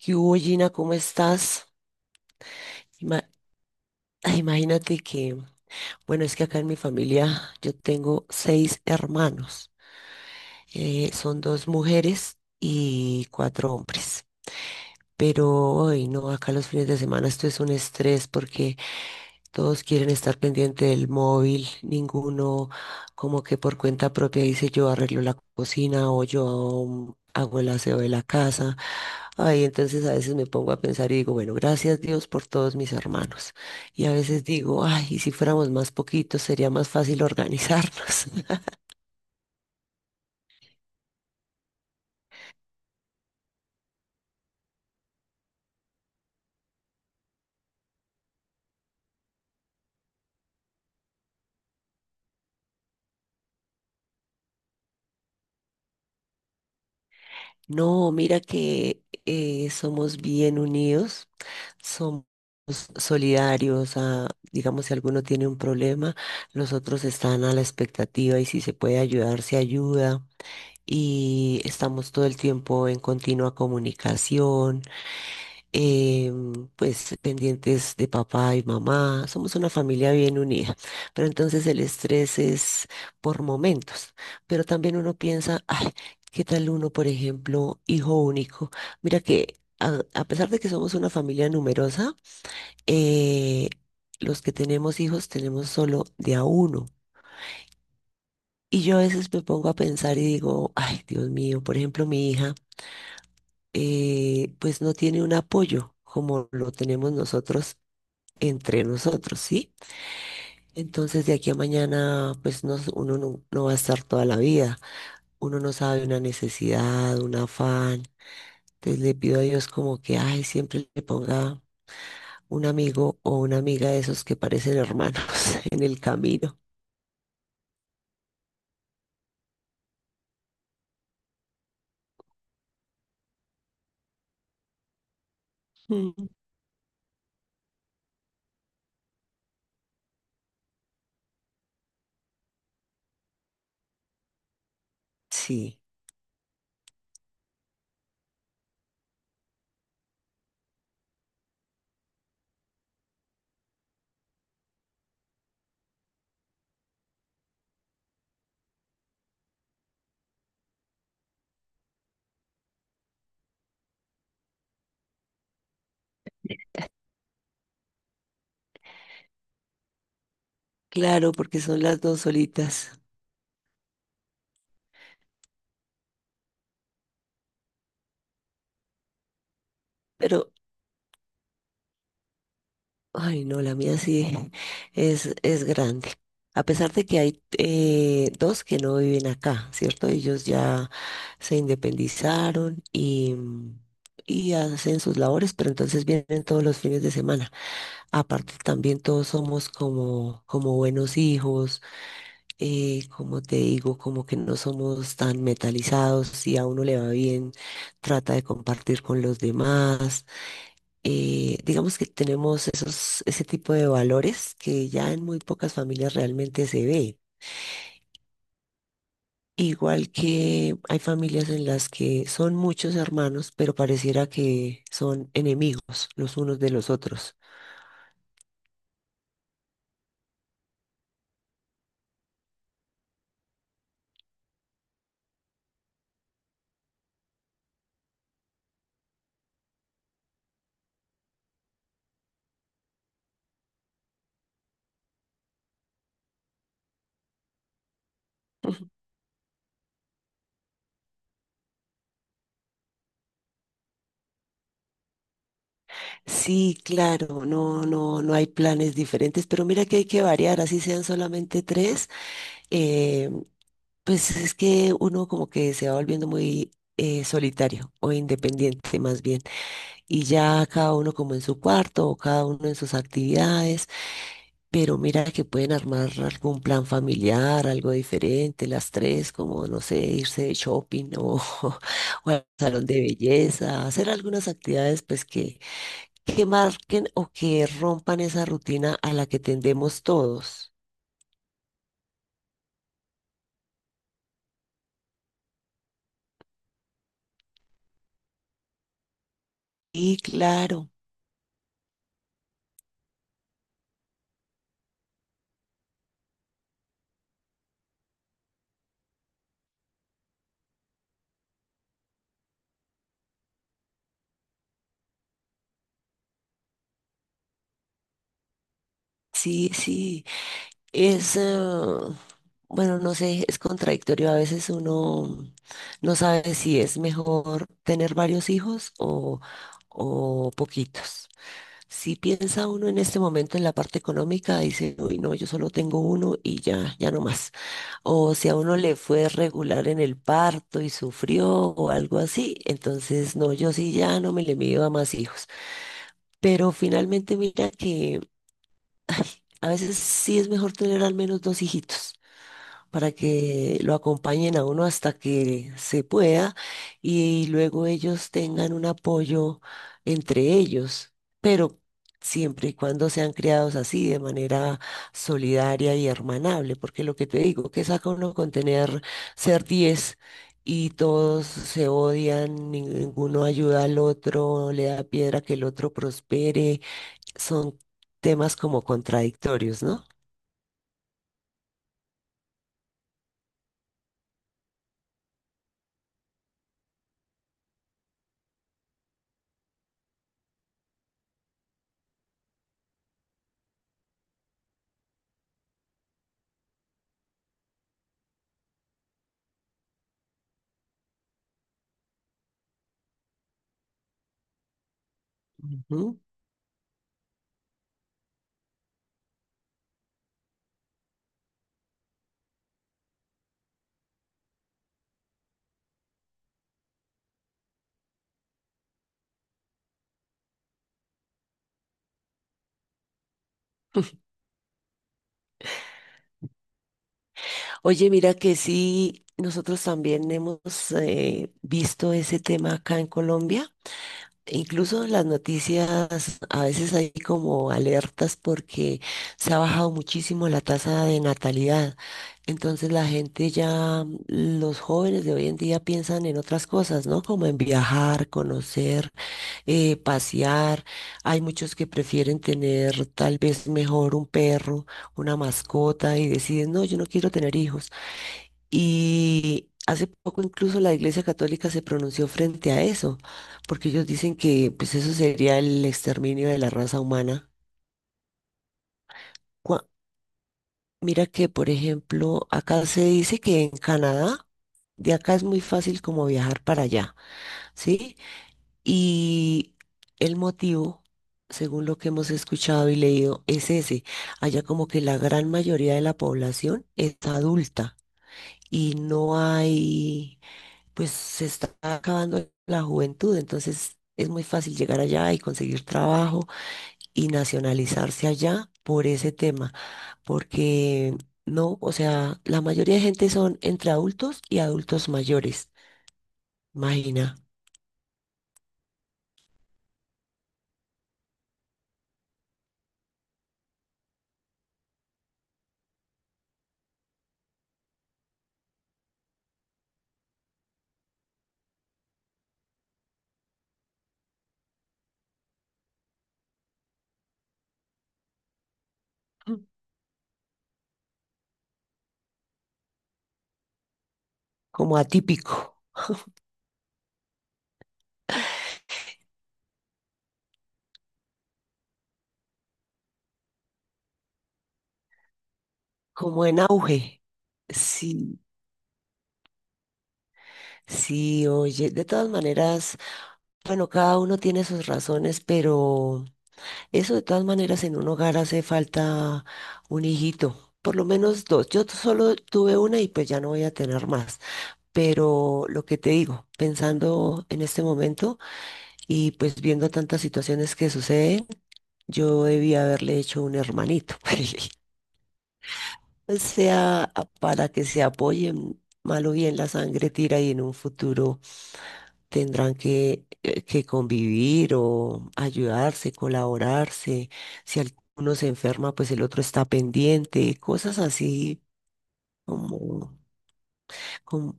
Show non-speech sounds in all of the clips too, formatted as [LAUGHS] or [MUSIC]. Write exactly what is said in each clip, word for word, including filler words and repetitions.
¿Qué hubo, Gina? ¿Cómo estás? Ima- Ay, imagínate que, bueno, es que acá en mi familia yo tengo seis hermanos. Eh, son dos mujeres y cuatro hombres. Pero hoy no, acá los fines de semana esto es un estrés porque todos quieren estar pendiente del móvil, ninguno como que por cuenta propia dice yo arreglo la cocina o yo mm, hago el aseo de la casa. Ay, entonces a veces me pongo a pensar y digo, bueno, gracias Dios por todos mis hermanos. Y a veces digo, ay, y si fuéramos más poquitos sería más fácil organizarnos. [LAUGHS] No, mira que eh, somos bien unidos. Somos solidarios a, digamos, si alguno tiene un problema, los otros están a la expectativa y si se puede ayudar, se ayuda. Y estamos todo el tiempo en continua comunicación, em, pues pendientes de papá y mamá. Somos una familia bien unida, pero entonces el estrés es por momentos. Pero también uno piensa, ay, ¿qué tal uno, por ejemplo, hijo único? Mira que a a pesar de que somos una familia numerosa, eh, los que tenemos hijos tenemos solo de a uno. Y yo a veces me pongo a pensar y digo, ay, Dios mío, por ejemplo, mi hija, eh, pues no tiene un apoyo como lo tenemos nosotros entre nosotros, ¿sí? Entonces de aquí a mañana, pues no, s- uno no, no va a estar toda la vida, uno no sabe una necesidad, un afán. Entonces le pido a Dios como que, ay, siempre le ponga un amigo o una amiga de esos que parecen hermanos [LAUGHS] en el camino. Sí, claro, porque son las dos solitas. Pero, ay, no, la mía sí [LAUGHS] es, es grande. A pesar de que hay eh, dos que no viven acá, ¿cierto? Ellos ya se independizaron y, mm, y hacen sus labores, pero entonces vienen todos los fines de semana. Aparte, también todos somos como, como buenos hijos, eh, como te digo, como que no somos tan metalizados. Si a uno le va bien, trata de compartir con los demás. Eh, digamos que tenemos esos, ese tipo de valores que ya en muy pocas familias realmente se ve. Igual que hay familias en las que son muchos hermanos, pero pareciera que son enemigos los unos de los otros. Sí, claro, no, no, no hay planes diferentes, pero mira que hay que variar, así sean solamente tres. eh, pues es que uno como que se va volviendo muy eh, solitario o independiente más bien, y ya cada uno como en su cuarto o cada uno en sus actividades, pero mira que pueden armar algún plan familiar, algo diferente, las tres, como no sé, irse de shopping o, [LAUGHS] o al salón de belleza, hacer algunas actividades pues que, que marquen o que rompan esa rutina a la que tendemos todos. Y claro, sí, sí. Es, eh, bueno, no sé, es contradictorio. A veces uno no sabe si es mejor tener varios hijos o, o poquitos. Si piensa uno en este momento en la parte económica, dice, uy, no, yo solo tengo uno y ya, ya no más. O si a uno le fue regular en el parto y sufrió o algo así, entonces no, yo sí ya no me le mido a más hijos. Pero finalmente mira que a veces sí es mejor tener al menos dos hijitos para que lo acompañen a uno hasta que se pueda y luego ellos tengan un apoyo entre ellos, pero siempre y cuando sean criados así, de manera solidaria y hermanable, porque lo que te digo, que saca uno con tener, ser diez y todos se odian, ninguno ayuda al otro, le da piedra que el otro prospere, son temas como contradictorios, ¿no? Ujú. Oye, mira que sí, nosotros también hemos eh, visto ese tema acá en Colombia. E incluso en las noticias a veces hay como alertas porque se ha bajado muchísimo la tasa de natalidad. Entonces la gente ya, los jóvenes de hoy en día piensan en otras cosas, ¿no? Como en viajar, conocer, eh, pasear. Hay muchos que prefieren tener tal vez mejor un perro, una mascota y deciden, no, yo no quiero tener hijos. Y hace poco incluso la Iglesia Católica se pronunció frente a eso, porque ellos dicen que pues eso sería el exterminio de la raza humana. Cua- Mira que, por ejemplo, acá se dice que en Canadá, de acá es muy fácil como viajar para allá, ¿sí? Y el motivo, según lo que hemos escuchado y leído, es ese. Allá como que la gran mayoría de la población es adulta y no hay, pues se está acabando la juventud, entonces es muy fácil llegar allá y conseguir trabajo y nacionalizarse allá por ese tema, porque no, o sea, la mayoría de gente son entre adultos y adultos mayores, imagina. Mm. Como atípico, como en auge. Sí, sí, oye, de todas maneras, bueno, cada uno tiene sus razones, pero... Eso de todas maneras en un hogar hace falta un hijito, por lo menos dos. Yo solo tuve una y pues ya no voy a tener más. Pero lo que te digo, pensando en este momento y pues viendo tantas situaciones que suceden, yo debía haberle hecho un hermanito. [LAUGHS] O sea, a- para que se apoyen, mal o bien la sangre tira y en un futuro tendrán que, eh, que convivir o ayudarse, colaborarse. Si alguno se enferma, pues el otro está pendiente, cosas así como, como...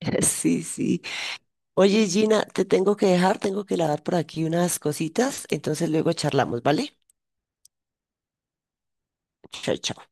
[LAUGHS] Sí, sí. Oye, Gina, te tengo que dejar, tengo que lavar por aquí unas cositas, entonces luego charlamos, ¿vale? Chao, chao.